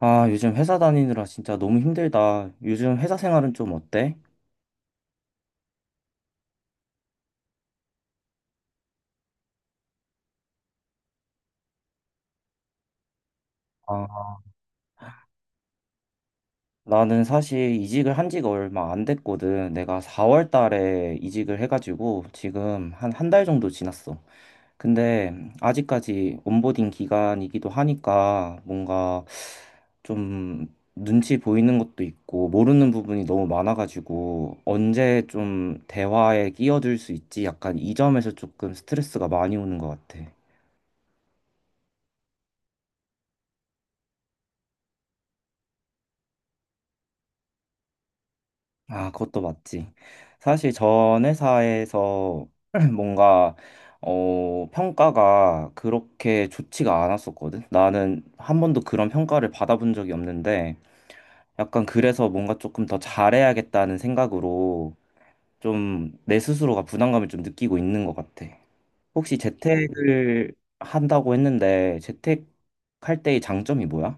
아, 요즘 회사 다니느라 진짜 너무 힘들다. 요즘 회사 생활은 좀 어때? 아, 나는 사실 이직을 한 지가 얼마 안 됐거든. 내가 4월 달에 이직을 해가지고 지금 한 한 달 정도 지났어. 근데 아직까지 온보딩 기간이기도 하니까 뭔가 좀 눈치 보이는 것도 있고 모르는 부분이 너무 많아가지고 언제 좀 대화에 끼어들 수 있지? 약간 이 점에서 조금 스트레스가 많이 오는 것 같아. 아, 그것도 맞지. 사실 전 회사에서 뭔가 평가가 그렇게 좋지가 않았었거든. 나는 한 번도 그런 평가를 받아본 적이 없는데 약간 그래서 뭔가 조금 더 잘해야겠다는 생각으로 좀 내 스스로가 부담감을 좀 느끼고 있는 것 같아. 혹시 재택을 한다고 했는데 재택할 때의 장점이 뭐야?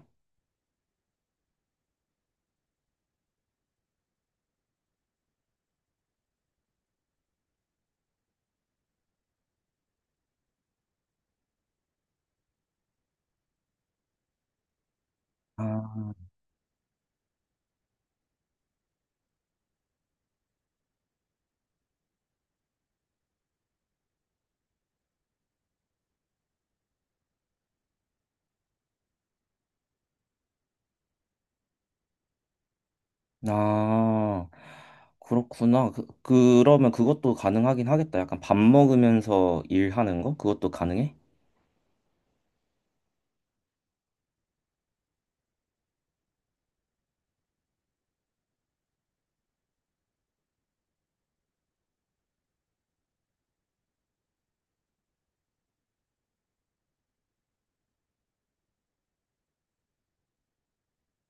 아, 그렇구나. 그러면 그것도 가능하긴 하겠다. 약간 밥 먹으면서 일하는 거? 그것도 가능해?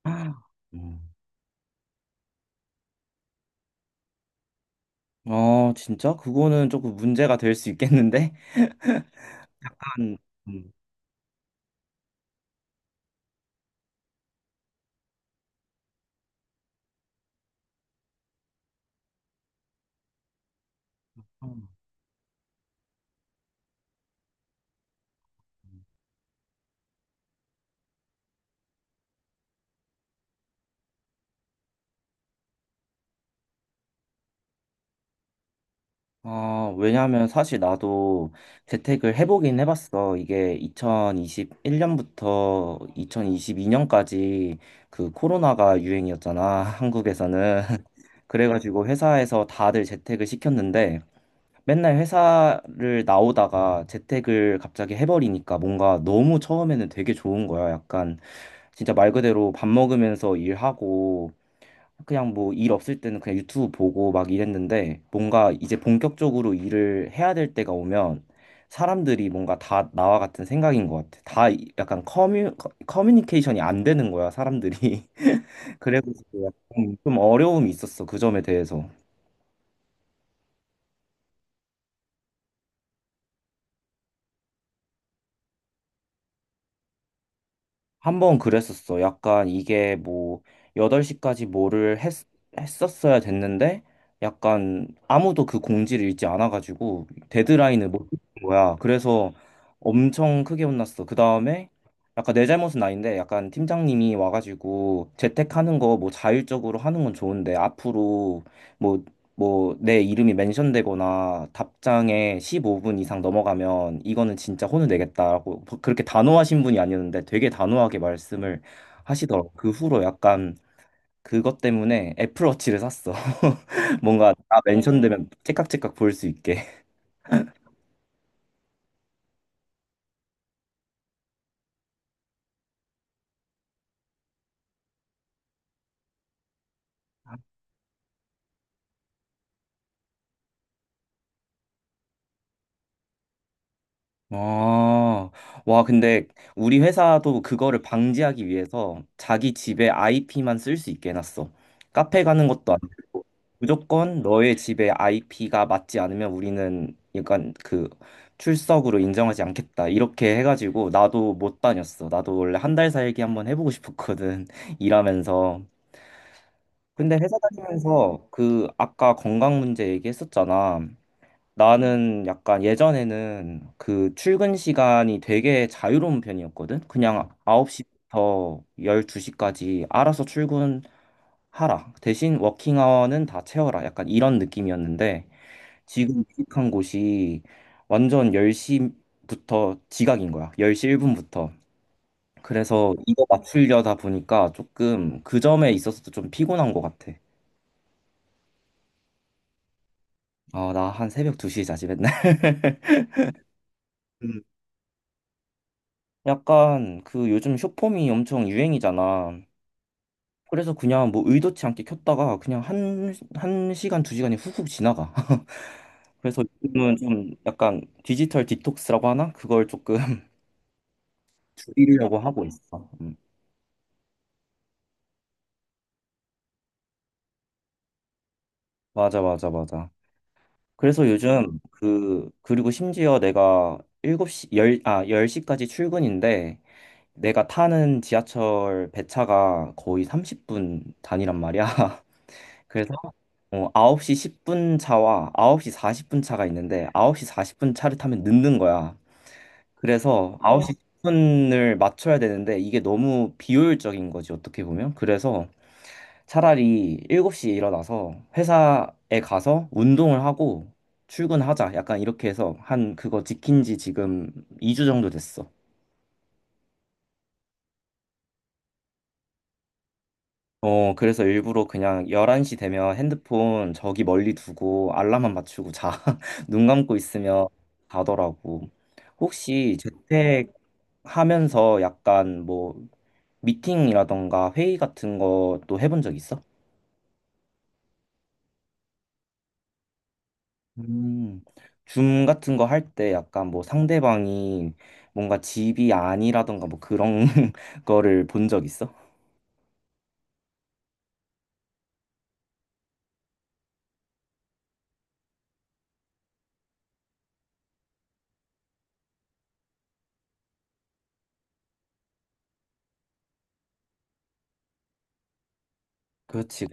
아, 음. 아, 진짜? 그거는 조금 문제가 될 수 있겠는데? 한, 음. 아, 왜냐면 사실 나도 재택을 해보긴 해봤어. 이게 2021년부터 2022년까지 그 코로나가 유행이었잖아. 한국에서는. 그래가지고 회사에서 다들 재택을 시켰는데, 맨날 회사를 나오다가 재택을 갑자기 해버리니까 뭔가 너무 처음에는 되게 좋은 거야. 약간 진짜 말 그대로 밥 먹으면서 일하고 그냥 뭐 일 없을 때는 그냥 유튜브 보고 막 이랬는데 뭔가 이제 본격적으로 일을 해야 될 때가 오면 사람들이 뭔가 다 나와 같은 생각인 것 같아. 다 약간 커뮤니케이션이 안 되는 거야, 사람들이. 그래가지고 약간 좀 어려움이 있었어, 그 점에 대해서. 한 번 그랬었어. 약간 이게 뭐 8시까지 뭐를 했었어야 됐는데 약간 아무도 그 공지를 읽지 않아가지고 데드라인을 못은 거야. 그래서 엄청 크게 혼났어. 그 다음에 약간 내 잘못은 아닌데 약간 팀장님이 와가지고 재택하는 거 뭐 자율적으로 하는 건 좋은데 앞으로 뭐 뭐 내 이름이 멘션되거나 답장에 15분 이상 넘어가면 이거는 진짜 혼을 내겠다라고 그렇게 단호하신 분이 아니었는데 되게 단호하게 말씀을 하시더라고. 그 후로 약간 그것 때문에 애플워치를 샀어. 뭔가 다 멘션되면 째깍째깍 보일 수 있게. 아, 와, 근데 우리 회사도 그거를 방지하기 위해서 자기 집에 IP만 쓸 수 있게 해놨어. 카페 가는 것도 안 되고, 무조건 너의 집에 IP가 맞지 않으면 우리는 약간 그 출석으로 인정하지 않겠다. 이렇게 해가지고 나도 못 다녔어. 나도 원래 한 달 살기 한번 해보고 싶었거든. 일하면서. 근데 회사 다니면서 그 아까 건강 문제 얘기했었잖아. 나는 약간 예전에는 그 출근 시간이 되게 자유로운 편이었거든. 그냥 9시부터 12시까지 알아서 출근하라. 대신 워킹 아워는 다 채워라. 약간 이런 느낌이었는데 지금 이직한 곳이 완전 10시부터 지각인 거야. 10시 1분부터. 그래서 이거 맞추려다 보니까 조금 그 점에 있어서도 좀 피곤한 것 같아. 아, 나 한 새벽 2시에 자지 맨날. 약간 그 요즘 쇼폼이 엄청 유행이잖아. 그래서 그냥 뭐 의도치 않게 켰다가 그냥 한, 한 시간, 두 시간이 훅훅 지나가. 그래서 요즘은 좀 약간 디지털 디톡스라고 하나? 그걸 조금 줄이려고 하고 있어. 음. 맞아, 맞아, 맞아. 그래서 요즘 그리고 심지어 내가 일곱 시 10, 아, 열 시까지 출근인데 내가 타는 지하철 배차가 거의 30분 단위란 말이야. 그래서 9시 10분 차와 9시 40분 차가 있는데 9시 40분 차를 타면 늦는 거야. 그래서 9시 10분을 맞춰야 되는데 이게 너무 비효율적인 거지, 어떻게 보면. 그래서 차라리 7시에 일어나서 회사에 가서 운동을 하고 출근하자. 약간 이렇게 해서 한 그거 지킨 지 지금 2주 정도 됐어. 그래서 일부러 그냥 11시 되면 핸드폰 저기 멀리 두고 알람만 맞추고 자. 눈 감고 있으면 자더라고. 혹시 재택 하면서 약간 뭐 미팅이라던가 회의 같은 것도 해본 적 있어? 음, 줌 같은 거 할 때 약간 뭐 상대방이 뭔가 집이 아니라던가 뭐 그런 거를 본 적 있어? 그렇지.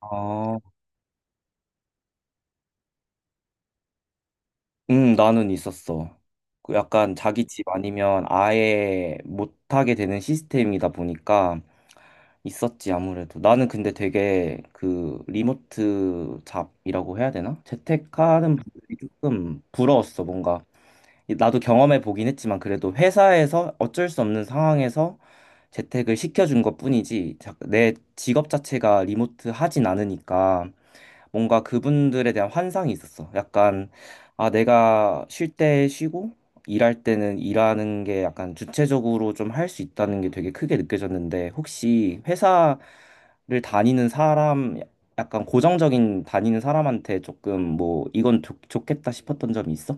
아, 나는 있었어. 그 약간 자기 집 아니면 아예 못하게 되는 시스템이다 보니까 있었지, 아무래도. 나는 근데 되게 그 리모트 잡이라고 해야 되나? 재택하는 분들이 조금 부러웠어, 뭔가. 나도 경험해 보긴 했지만 그래도 회사에서 어쩔 수 없는 상황에서 재택을 시켜준 것뿐이지 내 직업 자체가 리모트 하진 않으니까 뭔가 그분들에 대한 환상이 있었어. 약간, 아, 내가 쉴 때 쉬고, 일할 때는 일하는 게 약간 주체적으로 좀 할 수 있다는 게 되게 크게 느껴졌는데, 혹시 회사를 다니는 사람, 약간 고정적인 다니는 사람한테 조금 뭐, 이건 좋겠다 싶었던 점이 있어?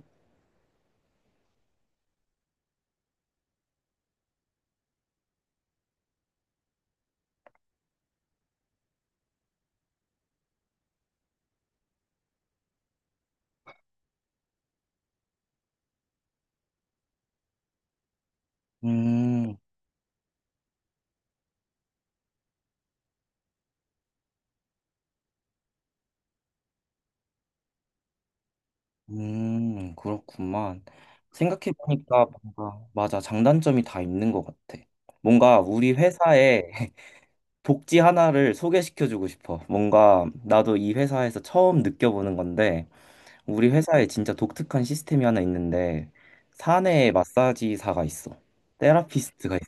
음, 그렇구만. 생각해보니까 뭔가, 맞아, 장단점이 다 있는 것 같아. 뭔가 우리 회사에 복지 하나를 소개시켜주고 싶어. 뭔가 나도 이 회사에서 처음 느껴보는 건데, 우리 회사에 진짜 독특한 시스템이 하나 있는데, 사내 마사지사가 있어. 테라피스트가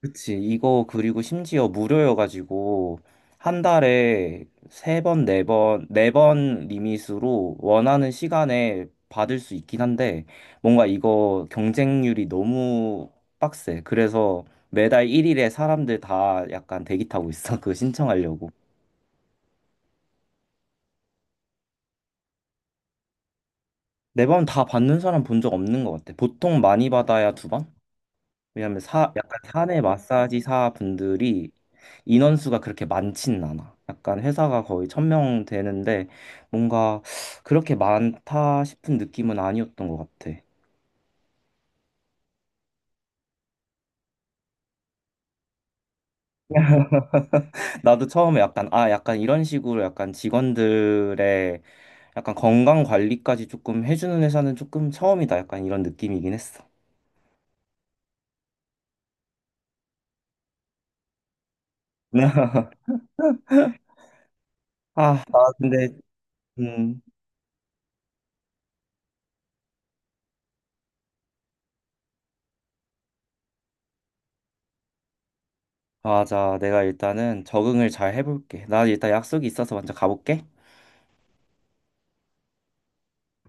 그치. 이거 그리고 심지어 무료여가지고 한 달에 3번, 4번 리밋으로 원하는 시간에 받을 수 있긴 한데 뭔가 이거 경쟁률이 너무 빡세. 그래서 매달 1일에 사람들 다 약간 대기 타고 있어. 그거 신청하려고. 4번 다 받는 사람 본 적 없는 것 같아. 보통 많이 받아야 2번? 왜냐면 약간 사내 마사지사 분들이 인원수가 그렇게 많진 않아. 약간 회사가 거의 1,000명 되는데 뭔가 그렇게 많다 싶은 느낌은 아니었던 것 같아. 나도 처음에 약간 아 약간 이런 식으로 약간 직원들의 약간 건강 관리까지 조금 해주는 회사는 조금 처음이다. 약간 이런 느낌이긴 했어. 아, 나 근데 음 맞아. 내가 일단은 적응을 잘 해볼게. 나 일단 약속이 있어서 먼저 가볼게.